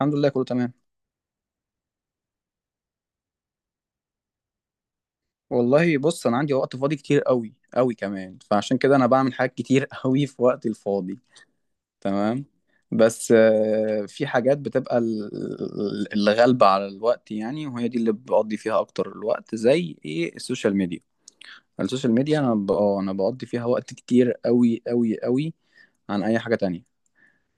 الحمد لله كله تمام. والله بص، انا عندي وقت فاضي كتير قوي قوي كمان، فعشان كده انا بعمل حاجات كتير قوي في وقتي الفاضي. تمام. بس في حاجات بتبقى اللي غالبة على الوقت يعني، وهي دي اللي بقضي فيها اكتر الوقت، زي ايه؟ السوشيال ميديا. السوشيال ميديا انا ب... آه، انا بقضي فيها وقت كتير قوي قوي قوي عن اي حاجة تانية.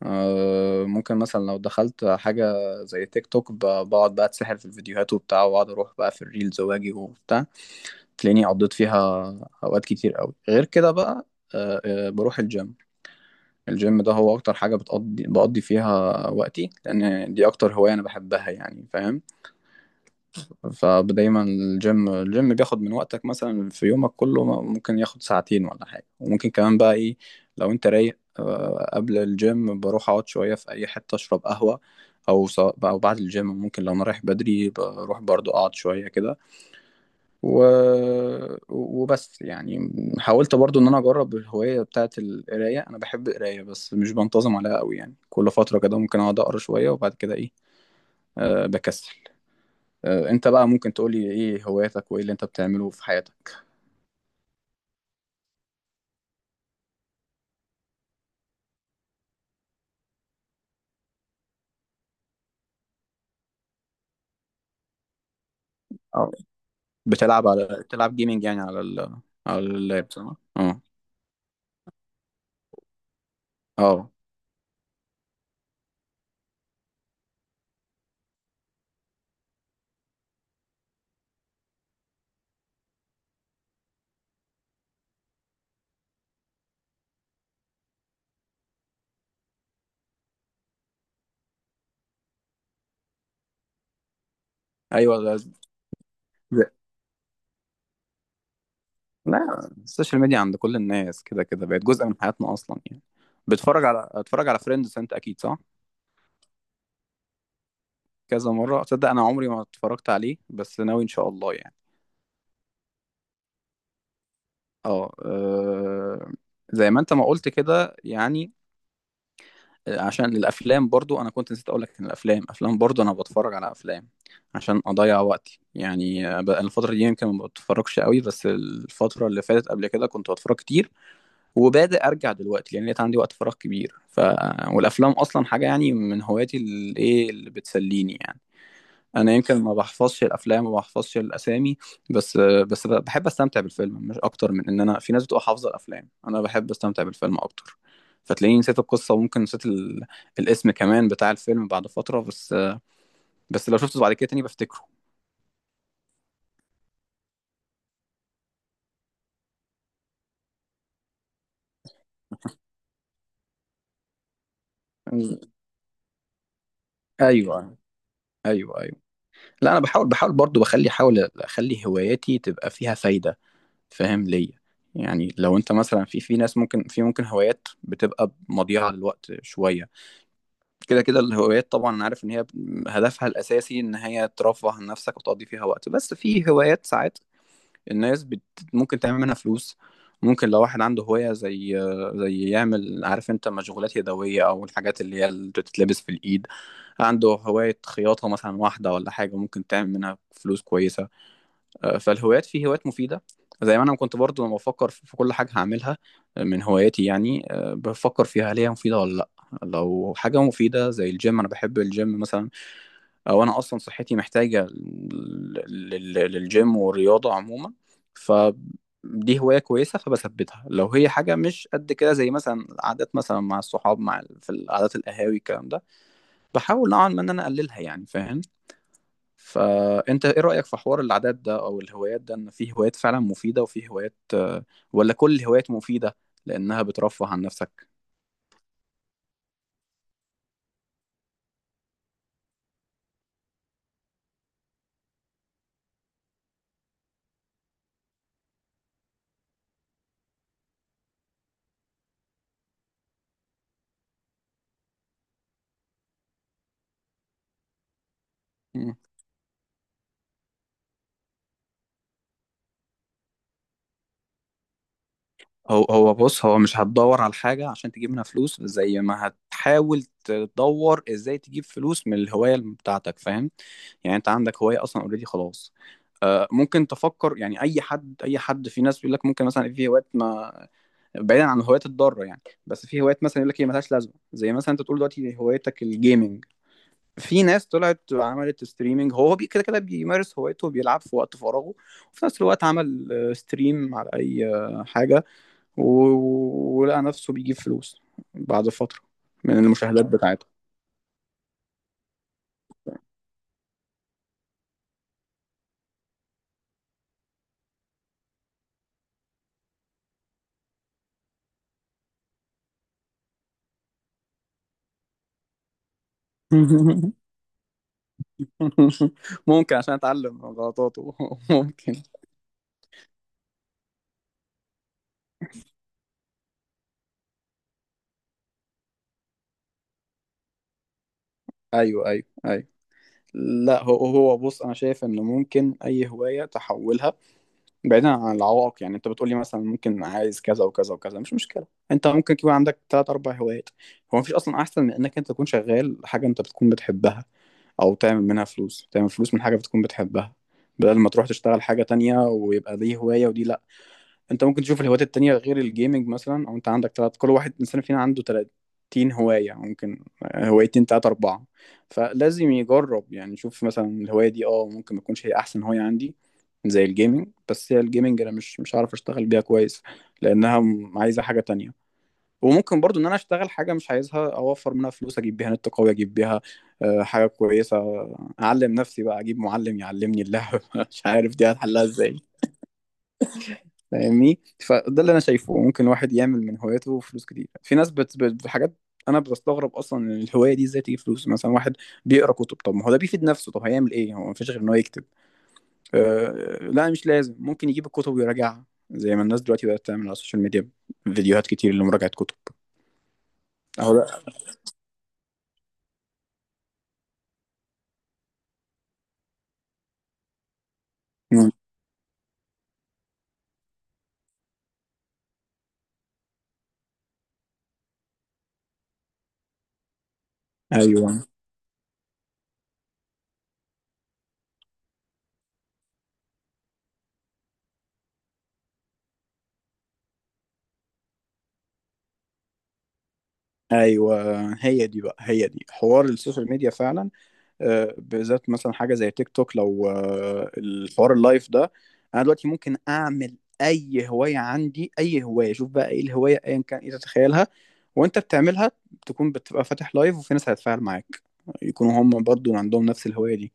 ممكن مثلا لو دخلت حاجة زي تيك توك بقعد بقى اتسحر في الفيديوهات وبتاع، واقعد اروح بقى في الريلز واجي وبتاع، تلاقيني قضيت فيها اوقات كتير قوي. غير كده بقى بروح الجيم. الجيم ده هو اكتر حاجة بقضي فيها وقتي، لان دي اكتر هواية انا بحبها يعني، فاهم. فدايما الجيم بياخد من وقتك، مثلا في يومك كله ممكن ياخد ساعتين ولا حاجة، وممكن كمان بقى ايه، لو انت رايق قبل الجيم بروح اقعد شوية في اي حتة اشرب قهوة، او أو بعد الجيم ممكن لو انا رايح بدري بروح برضو اقعد شوية كده. و... وبس يعني. حاولت برضو ان انا اجرب الهواية بتاعت القراية، انا بحب القراية بس مش بنتظم عليها قوي يعني، كل فترة كده ممكن اقعد اقرا شوية وبعد كده ايه، أه بكسل. أه انت بقى ممكن تقولي ايه هواياتك وايه اللي انت بتعمله في حياتك؟ أو بتلعب على بتلعب جيمنج يعني على ال... على اللاب صح؟ اه. اه. ايوه ده- لا، السوشيال ميديا عند كل الناس كده كده بقت جزء من حياتنا اصلا يعني. بتتفرج على اتفرج على فريندز انت اكيد صح؟ كذا مرة؟ تصدق أنا عمري ما اتفرجت عليه، بس ناوي إن شاء الله يعني. اه زي ما أنت ما قلت كده يعني. عشان الأفلام برضو، أنا كنت نسيت أقولك إن الأفلام برضو أنا بتفرج على أفلام عشان أضيع وقتي يعني. بقى الفترة دي يمكن ما بتفرجش قوي، بس الفترة اللي فاتت قبل كده كنت بتفرج كتير، وبادئ أرجع دلوقتي لأن لقيت عندي وقت فراغ كبير. والأفلام أصلا حاجة يعني من هواياتي، الإيه اللي بتسليني يعني. انا يمكن ما بحفظش الافلام وما بحفظش الاسامي، بس بحب استمتع بالفيلم، مش اكتر من ان انا، في ناس بتبقى حافظه الافلام، انا بحب استمتع بالفيلم اكتر. فتلاقيني نسيت القصه، وممكن نسيت الاسم كمان بتاع الفيلم بعد فتره، بس بس لو شفته بعد كده تاني بفتكره. ايوه، ايوه، ايوه. لا انا بحاول، بحاول برضو بخلي احاول اخلي هواياتي تبقى فيها فايده، فاهم ليا يعني. لو انت مثلا، في ناس ممكن هوايات بتبقى مضيعه للوقت شويه. كده كده الهوايات، طبعا انا عارف ان هي هدفها الاساسي ان هي ترفه عن نفسك وتقضي فيها وقت، بس في هوايات ساعات الناس ممكن تعمل منها فلوس. ممكن لو واحد عنده هواية زي يعمل، عارف انت، مشغولات يدوية او الحاجات اللي هي اللي بتتلبس في الايد، عنده هواية خياطة مثلا واحدة ولا حاجة، ممكن تعمل منها فلوس كويسة. فالهوايات في هوايات مفيدة. زي ما أنا كنت برضو لما بفكر في كل حاجة هعملها من هواياتي يعني، بفكر فيها هل هي مفيدة ولا لأ. لو حاجة مفيدة زي الجيم، أنا بحب الجيم مثلا، أو أنا أصلا صحتي محتاجة للجيم والرياضة عموما، فدي هواية كويسة فبثبتها. لو هي حاجة مش قد كده، زي مثلا القعدات مثلا مع الصحاب مع في القعدات القهاوي الكلام ده، بحاول نوعا ما إن أنا أقللها يعني، فاهم. فانت ايه رأيك في حوار العادات ده او الهوايات ده، ان في هوايات فعلا مفيدة وفي هوايات ولا كل الهوايات مفيدة لانها بترفه عن نفسك؟ مم. هو بص، هو مش هتدور على حاجة عشان تجيب منها فلوس، زي ما هتحاول تدور ازاي تجيب فلوس من الهواية بتاعتك، فاهم يعني. انت عندك هواية اصلا اوريدي خلاص، ممكن تفكر يعني. اي حد، في ناس بيقول لك ممكن مثلا في هوايات ما، بعيدا عن الهوايات الضاره يعني، بس في هوايات مثلا يقول لك هي ملهاش لازمه، زي مثلا انت تقول دلوقتي هوايتك الجيمنج، في ناس طلعت وعملت ستريمنج، هو كده كده بيمارس هوايته وبيلعب في وقت فراغه، وفي نفس الوقت عمل ستريم على اي حاجة ولقى نفسه بيجيب فلوس بعد فترة من المشاهدات بتاعته. ممكن عشان اتعلم من غلطاته. ممكن. ايوه، ايوه، ايوه. لا هو بص، انا شايف ان ممكن اي هواية تحولها. بعيدا عن العوائق يعني، انت بتقولي مثلا ممكن عايز كذا وكذا وكذا، مش مشكله، انت ممكن يكون عندك تلات اربع هوايات. هو مفيش اصلا احسن من انك انت تكون شغال حاجه انت بتكون بتحبها، او تعمل منها فلوس، تعمل فلوس من حاجه بتكون بتحبها، بدل ما تروح تشتغل حاجه تانية ويبقى دي هوايه ودي لا. انت ممكن تشوف الهوايات التانية غير الجيمنج مثلا، او انت عندك تلات، كل واحد انسان فينا عنده 30 هواية، ممكن هوايتين تلاتة اربعة، فلازم يجرب يعني، يشوف مثلا الهواية دي اه ممكن ما تكونش هي احسن هواية عندي، زي الجيمنج، بس هي الجيمنج انا مش هعرف اشتغل بيها كويس لانها عايزة حاجة تانية. وممكن برضو ان انا اشتغل حاجة مش عايزها، اوفر منها فلوس، اجيب بيها نت قوي، اجيب بيها حاجة كويسة، اعلم نفسي بقى، اجيب معلم يعلمني اللعبة مش عارف دي هتحلها ازاي، فاهمني. فده اللي انا شايفه، ممكن الواحد يعمل من هواياته فلوس كتير. في ناس حاجات انا بستغرب اصلا ان الهوايه دي ازاي تجيب فلوس. مثلا واحد بيقرا كتب، طب ما هو ده بيفيد نفسه، طب هيعمل ايه، هو مفيش غير ان هو يكتب؟ لا مش لازم، ممكن يجيب الكتب ويراجعها، زي ما الناس دلوقتي بقت تعمل على السوشيال ميديا فيديوهات كتير لمراجعه كتب. اهو ده. مم. ايوه، ايوه، هي دي بقى، هي دي حوار السوشيال ميديا فعلا. بالذات مثلا حاجه زي تيك توك لو الحوار اللايف ده، انا دلوقتي ممكن اعمل اي هوايه عندي، اي هوايه، شوف بقى ايه الهوايه ايا كان ايه تتخيلها وانت بتعملها، تكون بتبقى فاتح لايف وفي ناس هتتفاعل معاك، يكونوا هم برضو عندهم نفس الهوايه دي،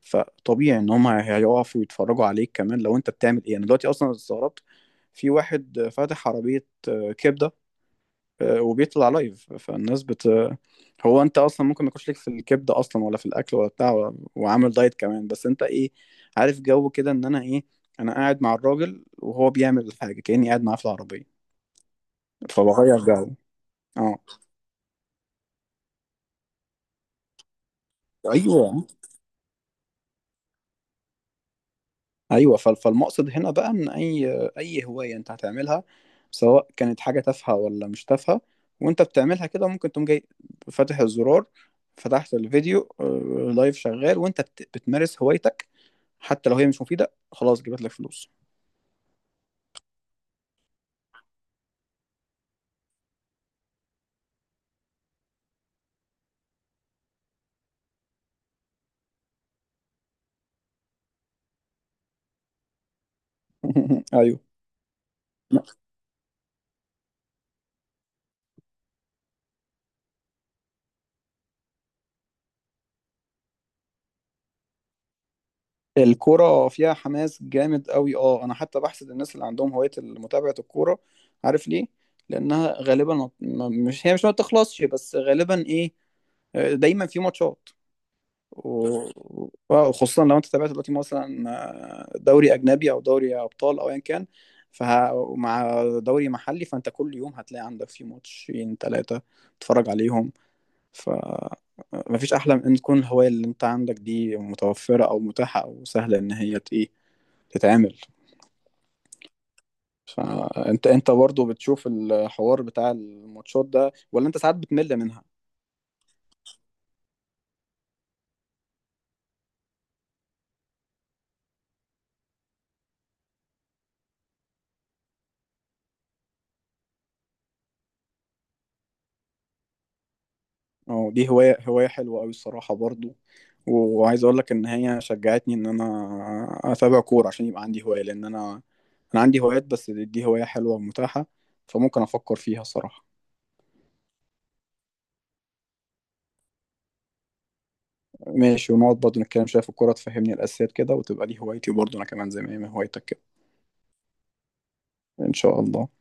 فطبيعي ان هم هيقفوا يتفرجوا عليك. كمان لو انت بتعمل ايه، انا دلوقتي اصلا استغربت في واحد فاتح عربيه كبده وبيطلع لايف، فالناس هو انت اصلا ممكن ما يكونش ليك في الكبده اصلا، ولا في الاكل ولا بتاع وعامل دايت كمان، بس انت ايه، عارف جو كده ان انا ايه، انا قاعد مع الراجل وهو بيعمل الحاجه كاني قاعد معاه في العربيه، فبغير جو. اه. ايوه، ايوه، فالمقصد هنا بقى، ان اي هوايه انت هتعملها، سواء كانت حاجه تافهه ولا مش تافهه، وانت بتعملها كده ممكن تقوم جاي فاتح الزرار، فتحت الفيديو، لايف شغال وانت بتمارس هوايتك، حتى لو هي مش مفيدة، خلاص جابت لك فلوس. ايوه. الكورة فيها حماس جامد قوي، اه. انا حتى بحسد الناس اللي عندهم هواية متابعة الكورة، عارف ليه؟ لانها غالبا، ما- ما- مش هي مش ما بتخلصش، بس غالبا ايه، دايما في ماتشات، وخصوصا لو انت تابعت دلوقتي مثلا دوري اجنبي او دوري ابطال او ايا كان، فمع دوري محلي، فانت كل يوم هتلاقي عندك في ماتشين ثلاثة تتفرج عليهم. ف مفيش أحلى من إن تكون الهواية اللي أنت عندك دي متوفرة أو متاحة أو سهلة إن هي إيه، تتعمل. فأنت برضه بتشوف الحوار بتاع الماتشات ده ولا أنت ساعات بتمل منها؟ أه دي هواية حلوة أوي الصراحة برضه، وعايز أقول لك إن هي شجعتني إن أنا أتابع كورة عشان يبقى عندي هواية، لأن أنا عندي هوايات، بس دي هواية حلوة ومتاحة، فممكن أفكر فيها الصراحة. ماشي، ونقعد برضه نتكلم شوية في الكورة تفهمني الأساسيات كده، وتبقى دي هوايتي برضه أنا كمان زي ما هي هوايتك كده. إن شاء الله.